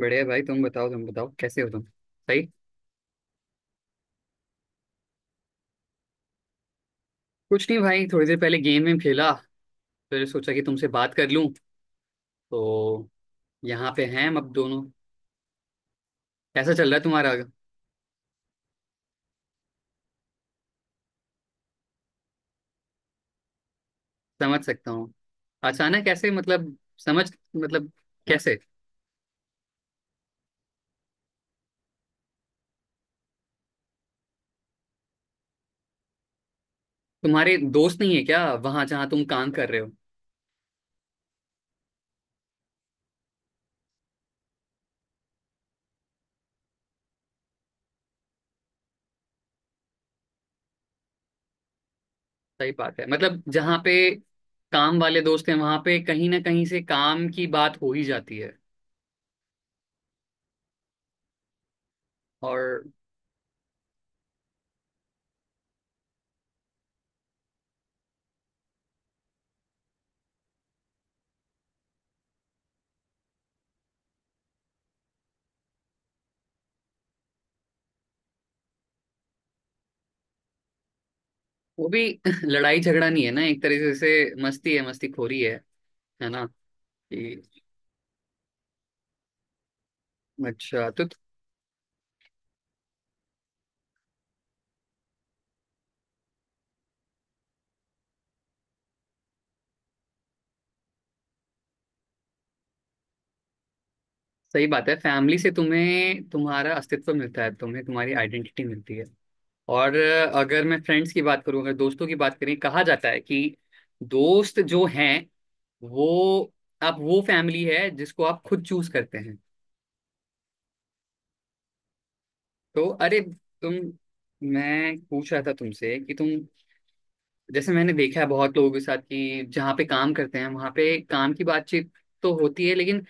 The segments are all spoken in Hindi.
बढ़िया भाई। तुम बताओ कैसे हो तुम, सही? कुछ नहीं भाई, थोड़ी देर पहले गेम में खेला, फिर सोचा कि तुमसे बात कर लूं। तो यहाँ पे हैं हम अब दोनों। कैसा चल रहा है तुम्हारा? समझ सकता हूँ। अचानक कैसे, मतलब, समझ मतलब कैसे? तुम्हारे दोस्त नहीं है क्या वहां जहाँ तुम काम कर रहे हो? सही बात है। मतलब जहाँ पे काम वाले दोस्त हैं वहां पे कहीं ना कहीं से काम की बात हो ही जाती है। और वो भी लड़ाई झगड़ा नहीं है ना, एक तरीके से मस्ती है, मस्ती खोरी है ना? कि अच्छा। तो सही बात है, फैमिली से तुम्हें तुम्हारा अस्तित्व मिलता है, तुम्हें तुम्हारी आइडेंटिटी मिलती है। और अगर मैं फ्रेंड्स की बात करूं, अगर दोस्तों की बात करें, कहा जाता है कि दोस्त जो हैं वो वो फैमिली है जिसको आप खुद चूज करते हैं। तो अरे, तुम मैं पूछ रहा था तुमसे कि तुम, जैसे मैंने देखा है बहुत लोगों के साथ कि जहाँ पे काम करते हैं वहाँ पे काम की बातचीत तो होती है, लेकिन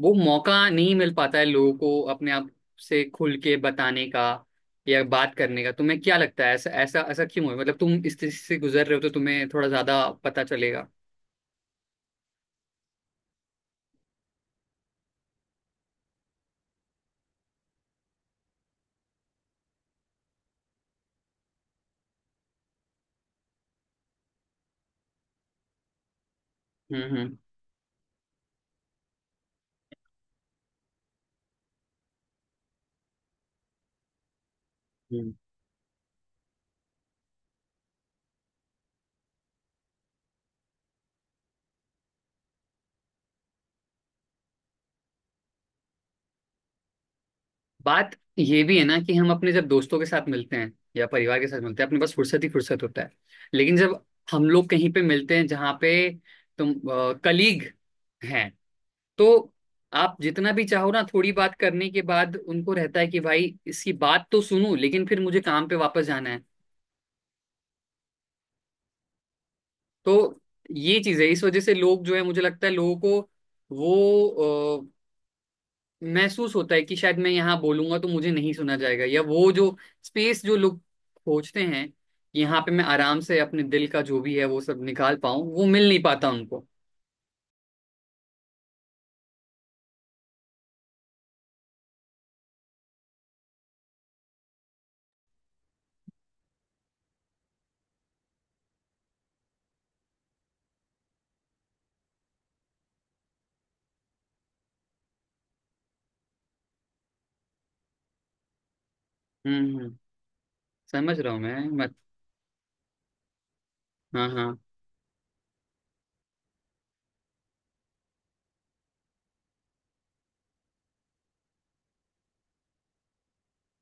वो मौका नहीं मिल पाता है लोगों को अपने आप से खुल के बताने का या बात करने का। तुम्हें क्या लगता है ऐसा ऐसा ऐसा क्यों है? मतलब तुम इस स्थिति से गुजर रहे हो तो तुम्हें थोड़ा ज्यादा पता चलेगा। हम्म हम्म हम्म। बात ये भी है ना, कि हम अपने जब दोस्तों के साथ मिलते हैं या परिवार के साथ मिलते हैं, अपने पास फुर्सत ही फुर्सत होता है। लेकिन जब हम लोग कहीं पे मिलते हैं जहाँ पे तुम कलीग हैं, तो आप जितना भी चाहो ना, थोड़ी बात करने के बाद उनको रहता है कि भाई इसकी बात तो सुनूं, लेकिन फिर मुझे काम पे वापस जाना है। तो ये चीज है। इस वजह से लोग जो है, मुझे लगता है लोगों को वो महसूस होता है कि शायद मैं यहाँ बोलूंगा तो मुझे नहीं सुना जाएगा, या वो जो स्पेस जो लोग खोजते हैं कि यहाँ पे मैं आराम से अपने दिल का जो भी है वो सब निकाल पाऊं, वो मिल नहीं पाता उनको। हम्म हम्म, समझ रहा हूँ मैं। मत हाँ हाँ।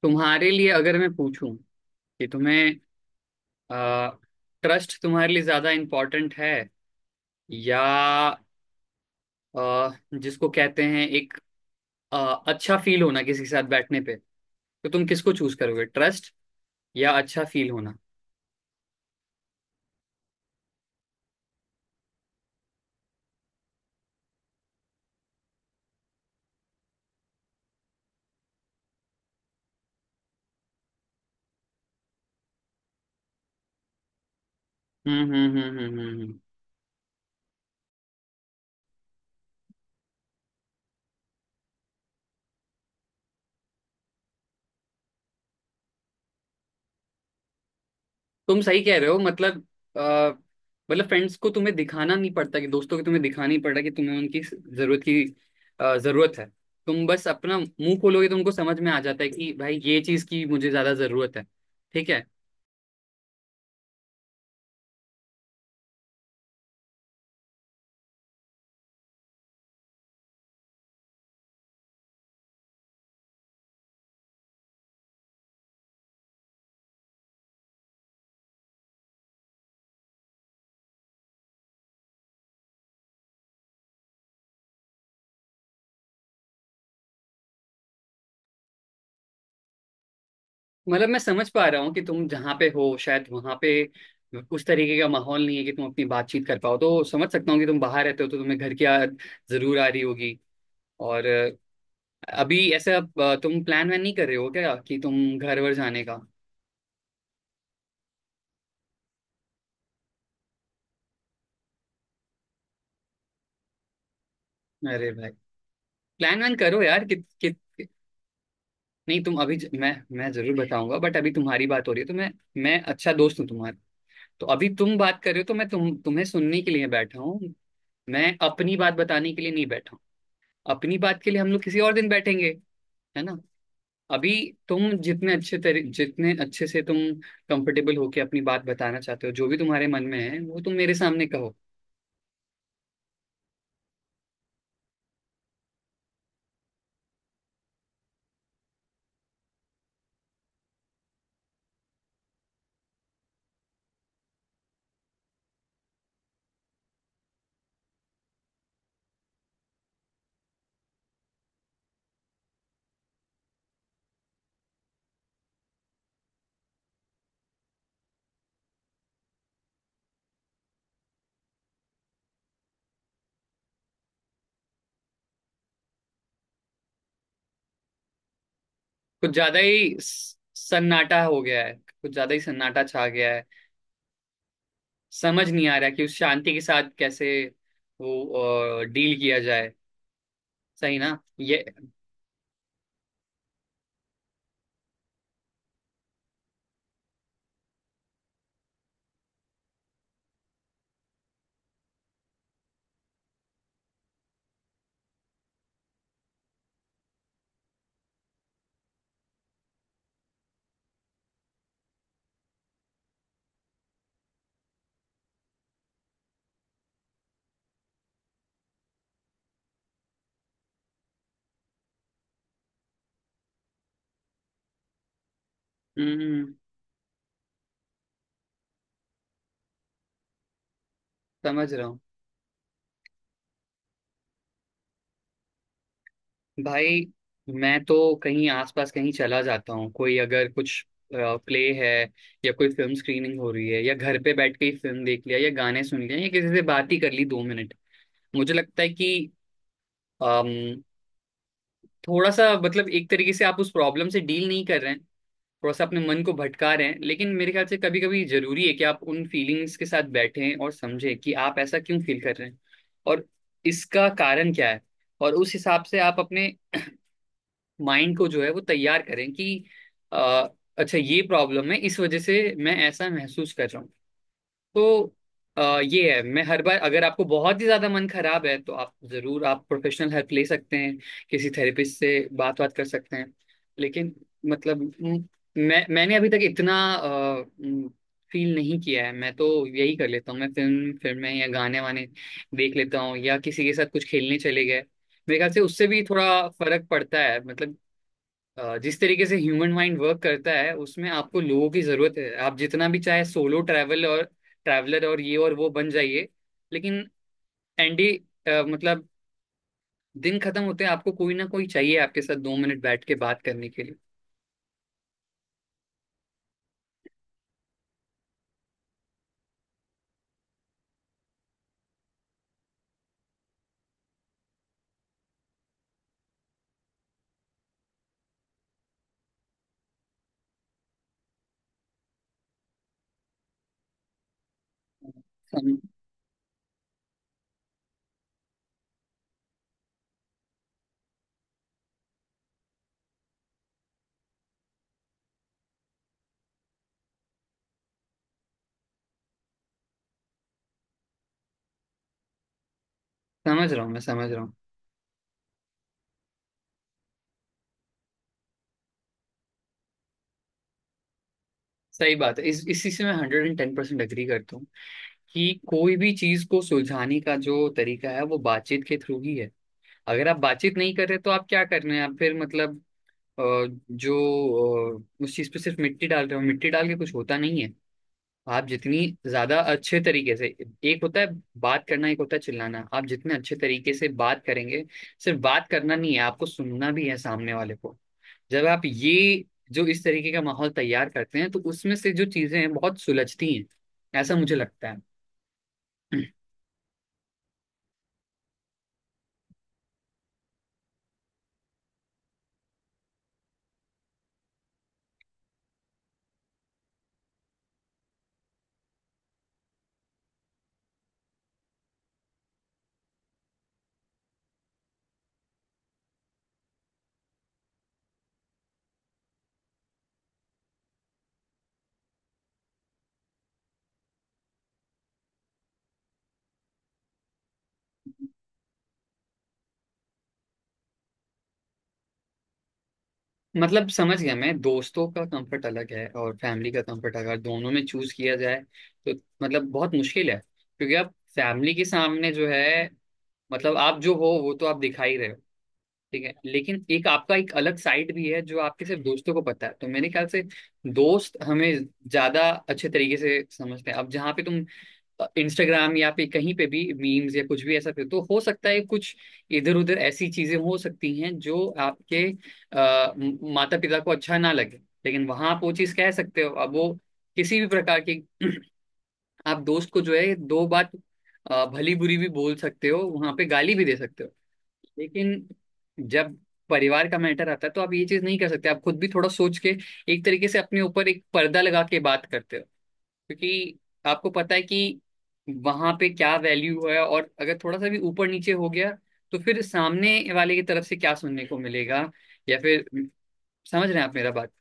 तुम्हारे लिए अगर मैं पूछूं कि तुम्हें, आ, क्रस्ट तुम्हारे लिए ज्यादा इम्पोर्टेंट है, या जिसको कहते हैं एक अच्छा फील होना किसी के साथ बैठने पे, तो तुम किसको चूज करोगे, ट्रस्ट या अच्छा फील होना? हम्म हम्म हम्म हम्म हम्म हम्म। तुम सही कह रहे हो। मतलब, आ, फ्रेंड्स को तुम्हें दिखाना नहीं पड़ता, कि दोस्तों को तुम्हें दिखाना नहीं पड़ता कि तुम्हें उनकी जरूरत की, जरूरत है। तुम बस अपना मुंह खोलोगे तो उनको समझ में आ जाता है कि भाई ये चीज की मुझे ज्यादा जरूरत है। ठीक है। मतलब मैं समझ पा रहा हूँ कि तुम जहाँ पे हो शायद वहाँ पे उस तरीके का माहौल नहीं है कि तुम अपनी बातचीत कर पाओ। तो समझ सकता हूँ कि तुम बाहर रहते हो तो तुम्हें घर की याद जरूर आ रही होगी। और अभी ऐसा तुम प्लान वैन नहीं कर रहे हो क्या कि तुम घर वर जाने का? अरे भाई, प्लान वैन करो यार, कि। नहीं, तुम अभी मैं जरूर बताऊंगा बट अभी तुम्हारी बात हो रही है, तो मैं अच्छा दोस्त हूँ तुम्हारा। तो अभी तुम बात कर रहे हो, तो मैं तुम्हें सुनने के लिए बैठा हूँ। मैं अपनी बात बताने के लिए नहीं बैठा हूँ। अपनी बात के लिए हम लोग किसी और दिन बैठेंगे, है ना? अभी तुम जितने अच्छे से तुम कंफर्टेबल होके अपनी बात बताना चाहते हो, जो भी तुम्हारे मन में है वो तुम मेरे सामने कहो। कुछ ज्यादा ही सन्नाटा हो गया है। कुछ ज्यादा ही सन्नाटा छा गया है। समझ नहीं आ रहा कि उस शांति के साथ कैसे वो डील किया जाए, सही ना ये? हम्म। समझ रहा हूँ भाई। मैं तो कहीं आसपास कहीं चला जाता हूँ, कोई अगर कुछ प्ले है, या कोई फिल्म स्क्रीनिंग हो रही है, या घर पे बैठ के ही फिल्म देख लिया या गाने सुन लिया, या किसी से बात ही कर ली 2 मिनट। मुझे लगता है कि, अम, थोड़ा सा मतलब, एक तरीके से आप उस प्रॉब्लम से डील नहीं कर रहे हैं, थोड़ा सा अपने मन को भटका रहे हैं। लेकिन मेरे ख्याल से कभी कभी जरूरी है कि आप उन फीलिंग्स के साथ बैठें और समझें कि आप ऐसा क्यों फील कर रहे हैं, और इसका कारण क्या है। और उस हिसाब से आप अपने माइंड को जो है वो तैयार करें कि, अ, अच्छा, ये प्रॉब्लम है, इस वजह से मैं ऐसा महसूस कर रहा हूँ। तो ये है। मैं हर बार, अगर आपको बहुत ही ज्यादा मन खराब है तो आप जरूर, आप प्रोफेशनल हेल्प ले सकते हैं, किसी थेरेपिस्ट से बात बात कर सकते हैं। लेकिन मतलब, मैंने अभी तक इतना फील नहीं किया है। मैं तो यही कर लेता हूँ, मैं फिल्में या गाने वाने देख लेता हूँ, या किसी के साथ कुछ खेलने चले गए। मेरे ख्याल से उससे भी थोड़ा फर्क पड़ता है। मतलब जिस तरीके से ह्यूमन माइंड वर्क करता है उसमें आपको लोगों की जरूरत है। आप जितना भी चाहे सोलो ट्रैवल और ट्रैवलर और ये और वो बन जाइए, लेकिन एंडी, मतलब, दिन खत्म होते हैं आपको कोई ना कोई चाहिए आपके साथ 2 मिनट बैठ के बात करने के लिए। सम, समझ रहा हूँ मैं, समझ रहा हूँ। सही बात है। इस इसी से मैं 110% एग्री करता हूँ, कि कोई भी चीज को सुलझाने का जो तरीका है वो बातचीत के थ्रू ही है। अगर आप बातचीत नहीं कर रहे तो आप क्या कर रहे हैं? आप फिर मतलब, अ, जो उस चीज पे सिर्फ मिट्टी डाल रहे हो। मिट्टी डाल के कुछ होता नहीं है। आप जितनी ज्यादा अच्छे तरीके से एक होता है बात करना, एक होता है चिल्लाना। आप जितने अच्छे तरीके से बात करेंगे, सिर्फ बात करना नहीं है, आपको सुनना भी है सामने वाले को। जब आप ये जो इस तरीके का माहौल तैयार करते हैं, तो उसमें से जो चीजें हैं बहुत सुलझती हैं, ऐसा मुझे लगता है। मतलब समझ गया मैं। दोस्तों का कंफर्ट अलग है और फैमिली का कंफर्ट अलग है। दोनों में चूज किया जाए तो मतलब बहुत मुश्किल है, क्योंकि आप फैमिली के सामने जो है, मतलब आप जो हो वो तो आप दिखा ही रहे हो, ठीक है। लेकिन एक आपका एक अलग साइड भी है, जो आपके सिर्फ दोस्तों को पता है। तो मेरे ख्याल से दोस्त हमें ज्यादा अच्छे तरीके से समझते हैं। अब जहाँ पे तुम इंस्टाग्राम या पे कहीं पे भी मीम्स या कुछ भी ऐसा, फिर तो हो सकता है कुछ इधर उधर ऐसी चीजें हो सकती हैं जो आपके आ, माता पिता को अच्छा ना लगे। लेकिन वहां आप वो चीज कह सकते हो। अब वो किसी भी प्रकार की आप दोस्त को जो है दो बात, भली बुरी भी बोल सकते हो, वहां पे गाली भी दे सकते हो। लेकिन जब परिवार का मैटर आता है तो आप ये चीज नहीं कर सकते। आप खुद भी थोड़ा सोच के, एक तरीके से अपने ऊपर एक पर्दा लगा के बात करते हो, क्योंकि आपको पता है कि वहां पे क्या वैल्यू है। और अगर थोड़ा सा भी ऊपर नीचे हो गया, तो फिर सामने वाले की तरफ से क्या सुनने को मिलेगा, या फिर, समझ रहे हैं आप मेरा बात?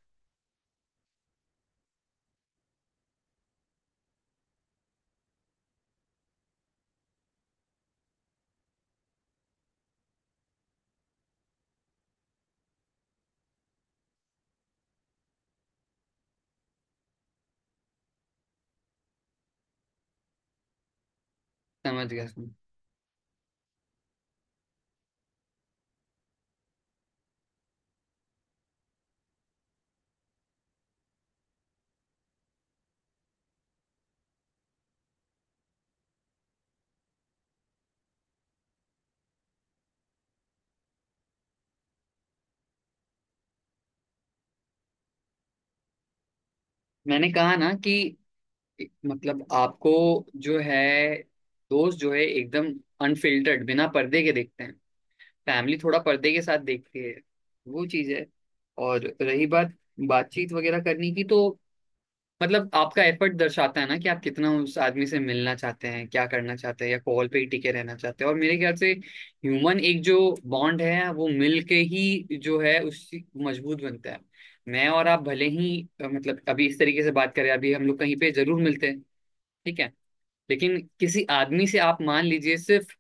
समझ गया, समझ मैंने कहा ना कि, मतलब आपको जो है, दोस्त जो है एकदम अनफिल्टर्ड बिना पर्दे के देखते हैं, फैमिली थोड़ा पर्दे के साथ देखती है, वो चीज है। और रही बात बातचीत वगैरह करने की, तो मतलब आपका एफर्ट दर्शाता है ना कि आप कितना उस आदमी से मिलना चाहते हैं, क्या करना चाहते हैं, या कॉल पे ही टिके रहना चाहते हैं। और मेरे ख्याल से ह्यूमन एक जो बॉन्ड है वो मिल के ही जो है उस, मजबूत बनता है। मैं और आप भले ही मतलब अभी इस तरीके से बात करें, अभी हम लोग कहीं पे जरूर मिलते हैं, ठीक है। लेकिन किसी आदमी से आप मान लीजिए सिर्फ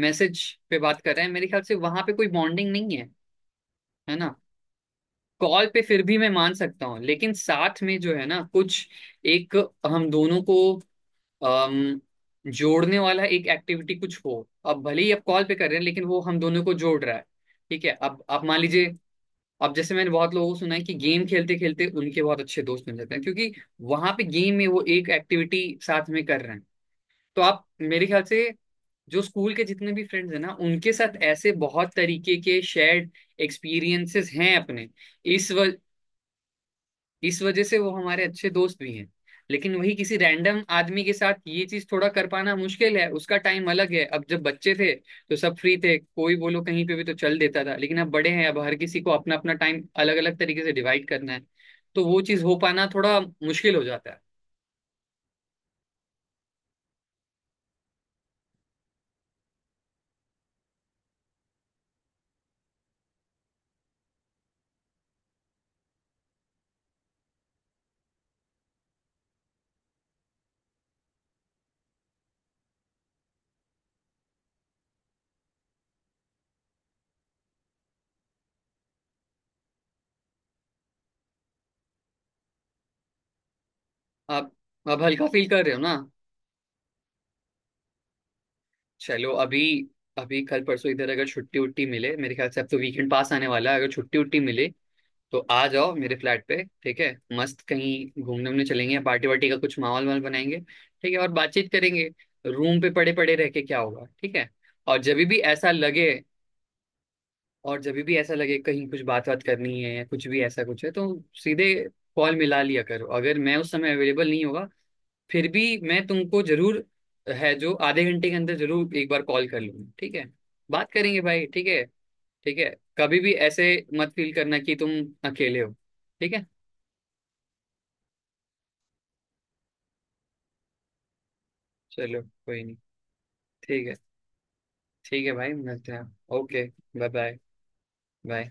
मैसेज पे बात कर रहे हैं, मेरे ख्याल से वहां पे कोई बॉन्डिंग नहीं है, है ना? कॉल पे फिर भी मैं मान सकता हूँ, लेकिन साथ में जो है ना, कुछ एक, हम दोनों को अम, जोड़ने वाला एक एक्टिविटी कुछ हो, अब भले ही आप कॉल पे कर रहे हैं लेकिन वो हम दोनों को जोड़ रहा है, ठीक है। अब आप मान लीजिए, अब जैसे मैंने बहुत लोगों को सुना है कि गेम खेलते खेलते उनके बहुत अच्छे दोस्त बन जाते हैं, क्योंकि वहां पे गेम में वो एक एक्टिविटी साथ में कर रहे हैं। तो आप मेरे ख्याल से जो स्कूल के जितने भी फ्रेंड्स हैं ना, उनके साथ ऐसे बहुत तरीके के शेयर्ड एक्सपीरियंसेस हैं अपने। इस व, इस वजह से वो हमारे अच्छे दोस्त भी हैं। लेकिन वही किसी रैंडम आदमी के साथ ये चीज थोड़ा कर पाना मुश्किल है। उसका टाइम अलग है। अब जब बच्चे थे तो सब फ्री थे, कोई बोलो कहीं पे भी तो चल देता था। लेकिन अब बड़े हैं, अब हर किसी को अपना अपना टाइम अलग अलग तरीके से डिवाइड करना है। तो वो चीज हो पाना थोड़ा मुश्किल हो जाता है। आप अब हल्का फील कर रहे हो ना? चलो, अभी अभी कल परसों इधर अगर छुट्टी उट्टी मिले, मेरे ख्याल से अब तो वीकेंड पास आने वाला है, अगर छुट्टी उट्टी मिले तो आ जाओ मेरे फ्लैट पे, ठीक है? मस्त कहीं घूमने वूमने चलेंगे, पार्टी वार्टी का कुछ माहौल वाल बनाएंगे, ठीक है, और बातचीत करेंगे। रूम पे पड़े पड़े रह के क्या होगा? ठीक है। और जब भी ऐसा लगे और जब भी ऐसा लगे कहीं कुछ बात बात करनी है, या कुछ भी ऐसा कुछ है, तो सीधे कॉल मिला लिया करो। अगर मैं उस समय अवेलेबल नहीं होगा, फिर भी मैं तुमको जरूर है जो आधे घंटे के अंदर जरूर एक बार कॉल कर लूंगा, ठीक है? बात करेंगे भाई, ठीक है। ठीक है। कभी भी ऐसे मत फील करना कि तुम अकेले हो, ठीक है? चलो, कोई नहीं। ठीक है। ठीक है भाई, मिलते हैं। Okay, bye bye bye.